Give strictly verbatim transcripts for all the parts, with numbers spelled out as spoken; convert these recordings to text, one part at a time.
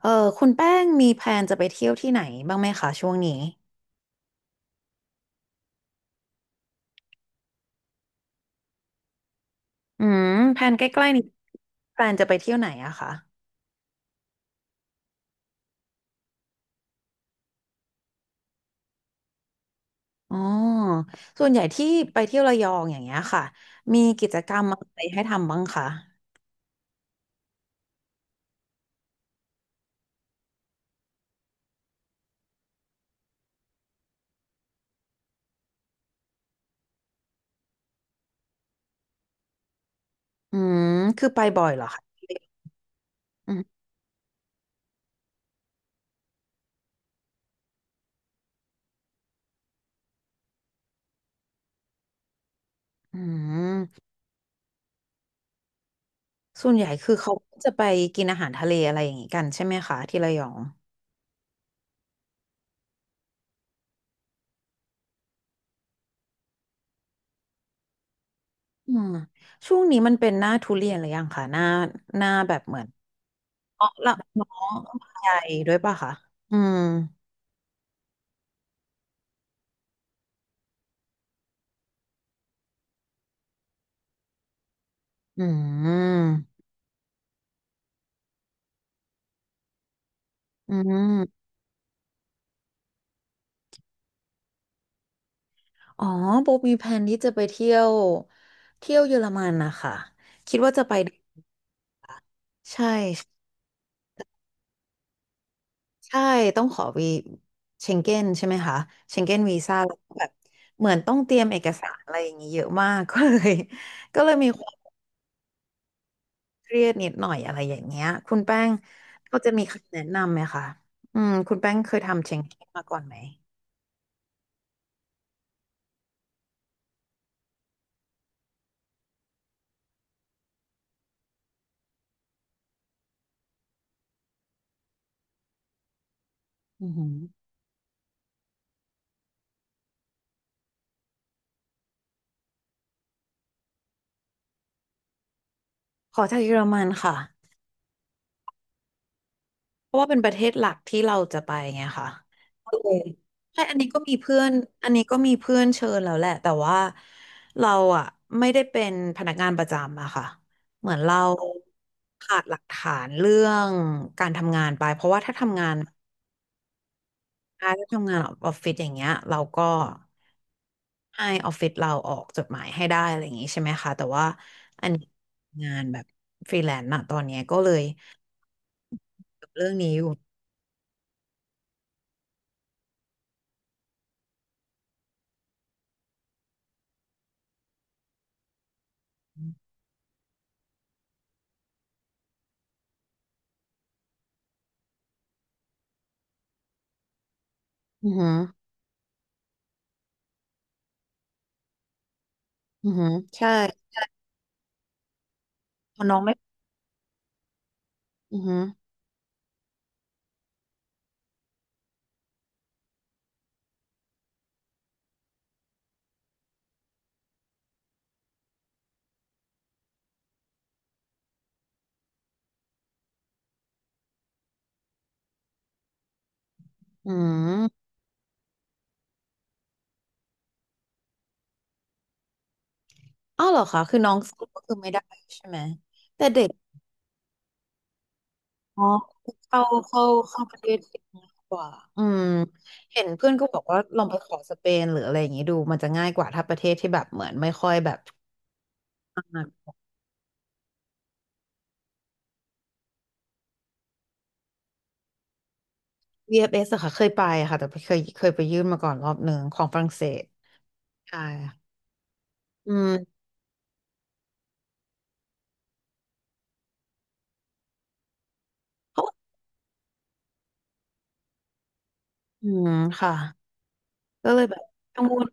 เออคุณแป้งมีแพลนจะไปเที่ยวที่ไหนบ้างไหมคะช่วงนี้อืมแพลนใกล้ๆนี้แพลนจะไปเที่ยวไหนอะคะอ๋อส่วนใหญ่ที่ไปเที่ยวระยองอย่างเงี้ยค่ะมีกิจกรรมอะไรให้ทำบ้างคะอืมคือไปบ่อยเหรอคะอืมอืมส่วนใหญ่คือเขาจะไปกินอาหารทะเลอะไรอย่างงี้กันใช่ไหมคะที่ระยองอืมช่วงนี้มันเป็นหน้าทุเรียนหรือยังคะหน้าหน้าแบบเหมือนอ๋อละเนาะใหญ่ด้วยป่ะคะอืม อืมอืมอ๋อโบมีแผนที่จะไปเที่ยวเที่ยวเยอรมันนะคะคิดว่าจะไปใช่ใช่ต้องขอวีเชงเก้นใช่ไหมคะเชงเก้นวีซ่าแล้วก็แบบเหมือนต้องเตรียมเอกสารอะไรอย่างนี้เยอะมาก ก็เลยก็เลยมีความเครียดนิดหน่อยอะไรอย่างเงี้ยคุณแป้งก็จะมีคำแนะนำไหมคะอืมคุณแป้งเคยทำเชงเก้นมาก่อนไหมอือหือขอจากเยอรมันค่ะ เพราะว่าเป็นประเทศหลักที่เราจะไปไงค่ะก็เลยใช่ อันนี้ก็มีเพื่อน อันนี้ก็มีเพื่อนเชิญแล้วแหละแต่ว่าเราอ่ะไม่ได้เป็นพนักงานประจำอะค่ะเหมือนเราขาดหลักฐานเรื่องการทำงานไปเพราะว่าถ้าทำงานถ้าทำงานออฟฟิศอย่างเงี้ยเราก็ให้ออฟฟิศเราออกจดหมายให้ได้อะไรอย่างงี้ใช่ไหมคะแต่ว่าอันนี้งานแบบฟรีแลนซ์เรื่องนี้อยู่อือหืออือหือใช่พอน้องไม่อือหืออืม อ้าวเหรอคะคือน้องสาวก็คือไม่ได้ใช่ไหมแต่เด็กอ๋อเข้าเข้าเข้าประเทศเดง่ายกว่าอืมเห็นเพื่อนก็บอกว่าลองไปขอสเปนหรืออะไรอย่างนี้ดูมันจะง่ายกว่าถ้าประเทศที่แบบเหมือนไม่ค่อยแบบอ่า วี เอฟ เอส อฟเอสอะค่ะเคยไปอะค่ะแต่เคยเคยไปยื่นมาก่อนรอบหนึ่งของฝรั่งเศสใช่ค่ะอืมเพราะอืมค่ะก็เลยแบบกังวล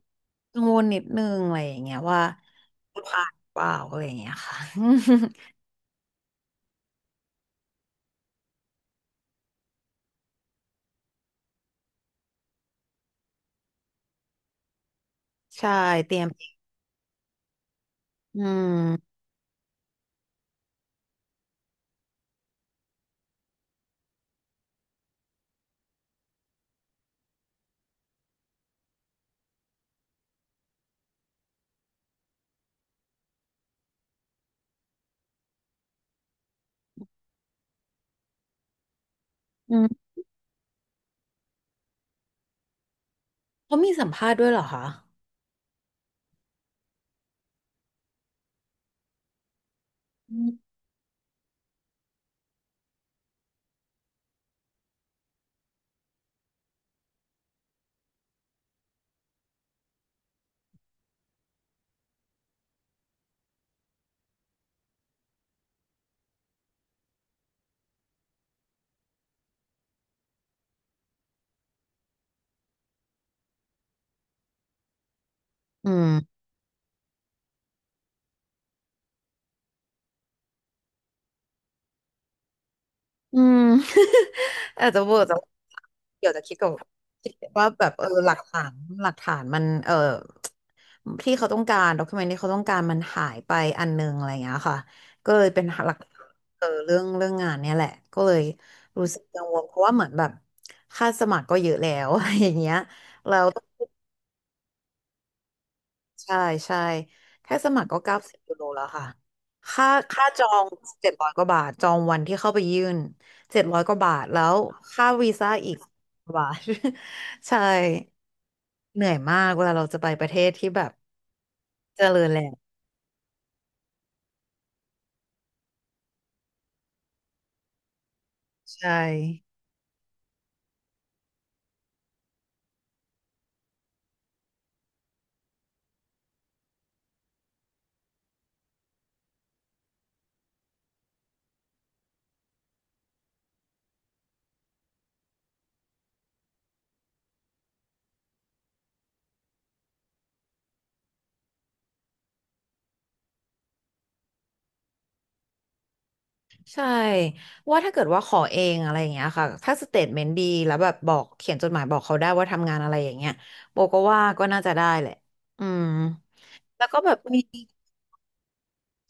กังวลนิดนึงอะไรอย่างเงี้ยว่าจะผ่านหรือเปล่าอะไรอย่างเงี้ยค่ะ ใช่เตรียมอืม อืมเขามีสัมภาษณ์ด้วยเหรอคะอืม อืมอืม อาจจะเวอร์จะเดี๋ยวจะคิดกับคิดว่าแบบเออหลักฐานหลักฐานมันเออที่เขาต้องการด็อกิเมนที่เขาต้องการมันหายไปอันนึงอะไรอย่างเงี้ยค่ะ ก็เลยเป็นหลักเออเรื่องเรื่องงานเนี่ยแหละ ก็เลยรู้สึกกังวลเพราะว่าเหมือนแบบ ค่าสมัครก็เยอะแล้ว อะไรอย่างเงี้ย ใช่ใช่แค่สมัครก็เก้าสิบยูโรแล้วค่ะค่า ค่าจองเจ็ดร้อยกว่าบาทจองวันที่เข้าไปยื่นเจ็ดร้อยกว่าบาทแล้วค่าวีซ่าอีกกว่าบาท ใช่เหนื่อยมากเวลาเราจะไปประเทศที่แบบเจริญแล้วใช่ใช่ว่าถ้าเกิดว่าขอเองอะไรอย่างเงี้ยค่ะถ้าสเตทเมนต์ดีแล้วแบบบอกเขียนจดหมายบอกเขาได้ว่าทำงานอะไรอย่างเงี้ยโบก็ว่าก็น่าจะได้แหละอืมแล้วก็แบบมี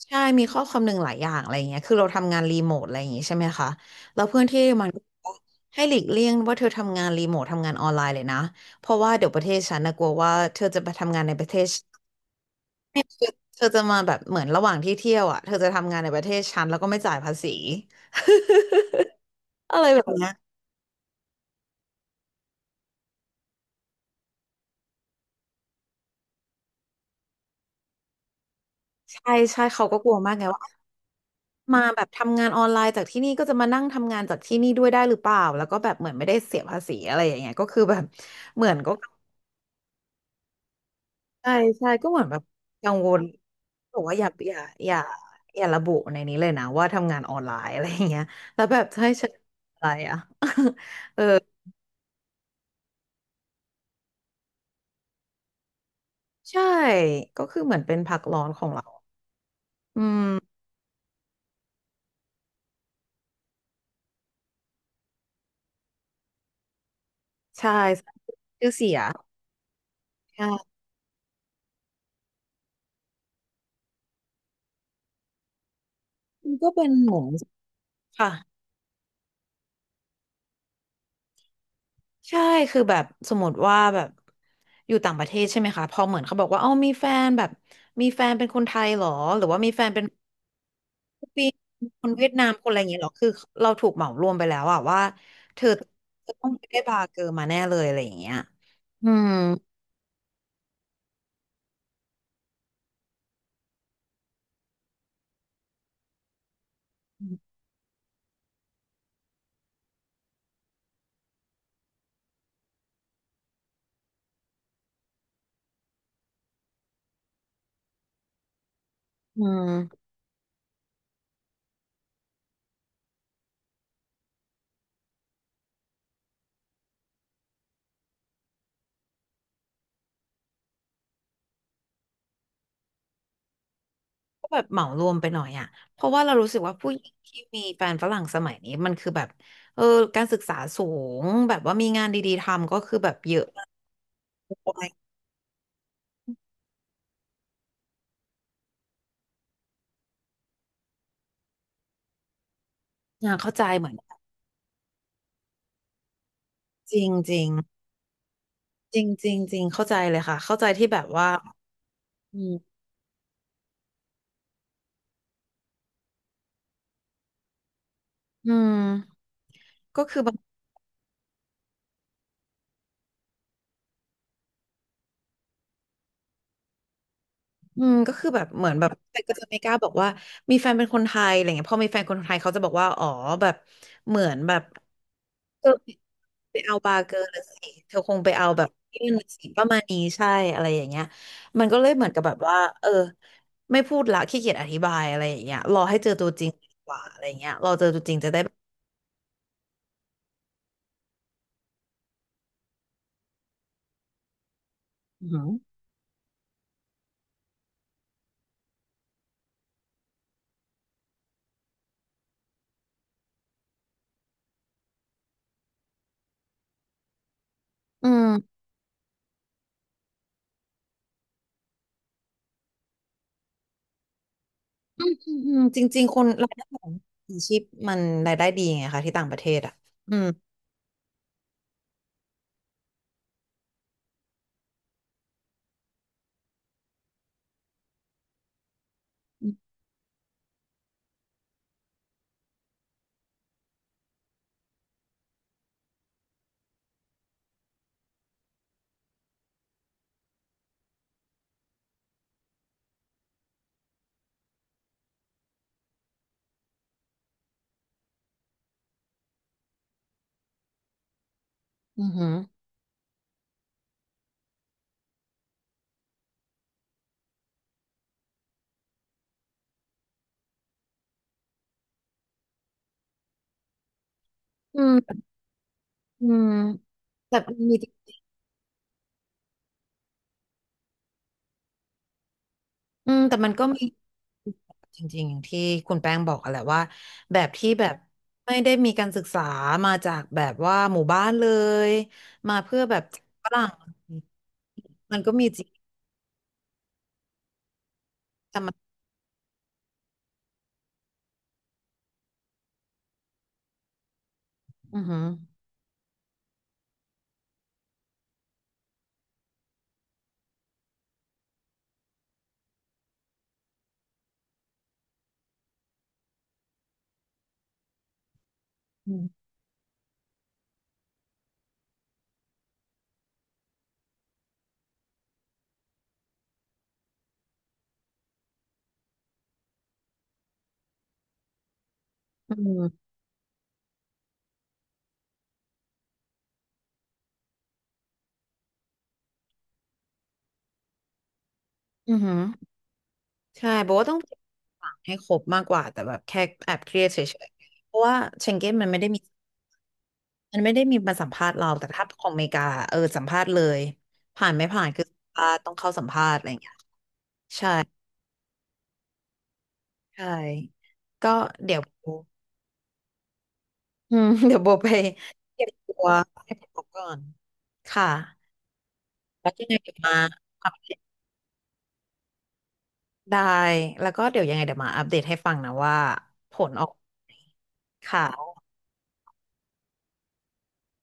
ใช่มีข้อความหนึ่งหลายอย่างอะไรอย่างเงี้ยคือเราทำงานรีโมทอะไรอย่างงี้ใช่ไหมคะแล้วเพื่อนที่มันก็บอกว่าให้หลีกเลี่ยงว่าเธอทำงานรีโมททำงานออนไลน์เลยนะเพราะว่าเดี๋ยวประเทศฉันนะกลัวว่าเธอจะไปทำงานในประเทศเธอจะมาแบบเหมือนระหว่างที่เที่ยวอ่ะเธอจะทำงานในประเทศฉันแล้วก็ไม่จ่ายภาษี อะไรแบบเนี้ยใช่ใช่เขาก็กลัวมากไงว่ามาแบบทำงานออนไลน์จากที่นี่ก็จะมานั่งทำงานจากที่นี่ด้วยได้หรือเปล่าแล้วก็แบบเหมือนไม่ได้เสียภาษีอะไรอย่างเงี้ยก็คือแบบเหมือนก็ ใช่ใช่ก็เหมือนแบบกังวลบอกว่าอย่าอย่าอย่าอย่าระบุในนี้เลยนะว่าทำงานออนไลน์อะไรอย่างเงี้ยแล้วแบบจะให้ฉันอะไรอ่ะ เออใช่ก็คือเหมือนเป็นพักร้อนของเราอืมใช่ชื่อเสียค่ะมันก็เป็นเหมือนค่ะ ใช่คือแบบสมมติว่าแบบอยู่ต่างประเทศใช่ไหมคะพอเหมือนเขาบอกว่าเอ้ามีแฟนแบบมีแฟนเป็นคนไทยเหรอหรือว่ามีแฟนเป็นปีคนเวียดนามคนอะไรอย่างเงี้ยหรอคือเราถูกเหมารวมไปแล้วอะว่าเธอเธอต้องไปได้บาร์เกอร์มาแน่เลยอะไรอย่างเงี้ยอืมอืมก็แบบเหมารวมไปหน่อยอะเพราะว่าเรารู้สึกว่าผู้หญิงที่มีแฟนฝรั่งสมัยนี้มันคือแบบเออการศึกษาสูงแบบว่ามีงานดีๆทำก็คือแบบเยอะมากเลยอ่าเข้าใจเหมือน จริงจริงจริงจริงจริงเข้าใจเลยค่ะเข้าใจที่แบบว่าอืมอืมก็คือแบบอืมก็คือแบบเหมือนแบบแต่ก็จะไม่กล้าบอกว่ามีแฟนเป็นคนไทยอะไรเงี้ยพอมีแฟนคนไทยเขาจะบอกว่าอ๋อแบบเหมือนแบบเธอไปเอาบาร์เกอร์ละสิเธอคงไปเอาแบบยั่นละสิประมาณนี้ใช่อะไรอย่างเงี้ยมันก็เลยเหมือนกับแบบว่าเออไม่พูดละขี้เกียจอธิบายอะไรอย่างเงี้ยรอให้เจอตัวจริงดีกว่าอะไรเงี้ยรอเจอตัวจริงจะได้แบบอือหืออืม อืมอืมอืมจริงๆคนรายได้ของอาชีพมันรายได้ดีไงคะที่ต่างประเทศอ่ะอืมอือหืออืมอืมแต่มันมีอืมแต่มันก็มีจริงๆอย่างที่คุณแป้งบอกอะแหละว่าแบบที่แบบไม่ได้มีการศึกษามาจากแบบว่าหมู่บ้านเลยมาเพื่อแบบฝรั่งมันก็มีจริงแต่มันอือหืออืมอืมอือหือ ใช่บอกว่าต้องให้ครบมากกว่าแต่แบบแค่แอบเครียดเฉยๆ เพราะว่าเชงเก้นมันไม่ได้มีมันไม่ได้มีมาสัมภาษณ์เราแต่ถ้าของอเมริกาเออสัมภาษณ์เลยผ่านไม่ผ่านคือสัมภาษณ์ต้องเข้าสัมภาษณ์อะไรอย่างเงี้ยใช่ใช่ก็เดี๋ยวโบอืม เดี๋ยวโบไปเก็บตัวให้ครบก่อนค่ะแล้วยังไงเดี๋ยวมาอัปเดตได้แล้วก็เดี๋ยวยังไงเดี๋ยวมาอัปเดตให้ฟังนะว่าผลออกนค่ะ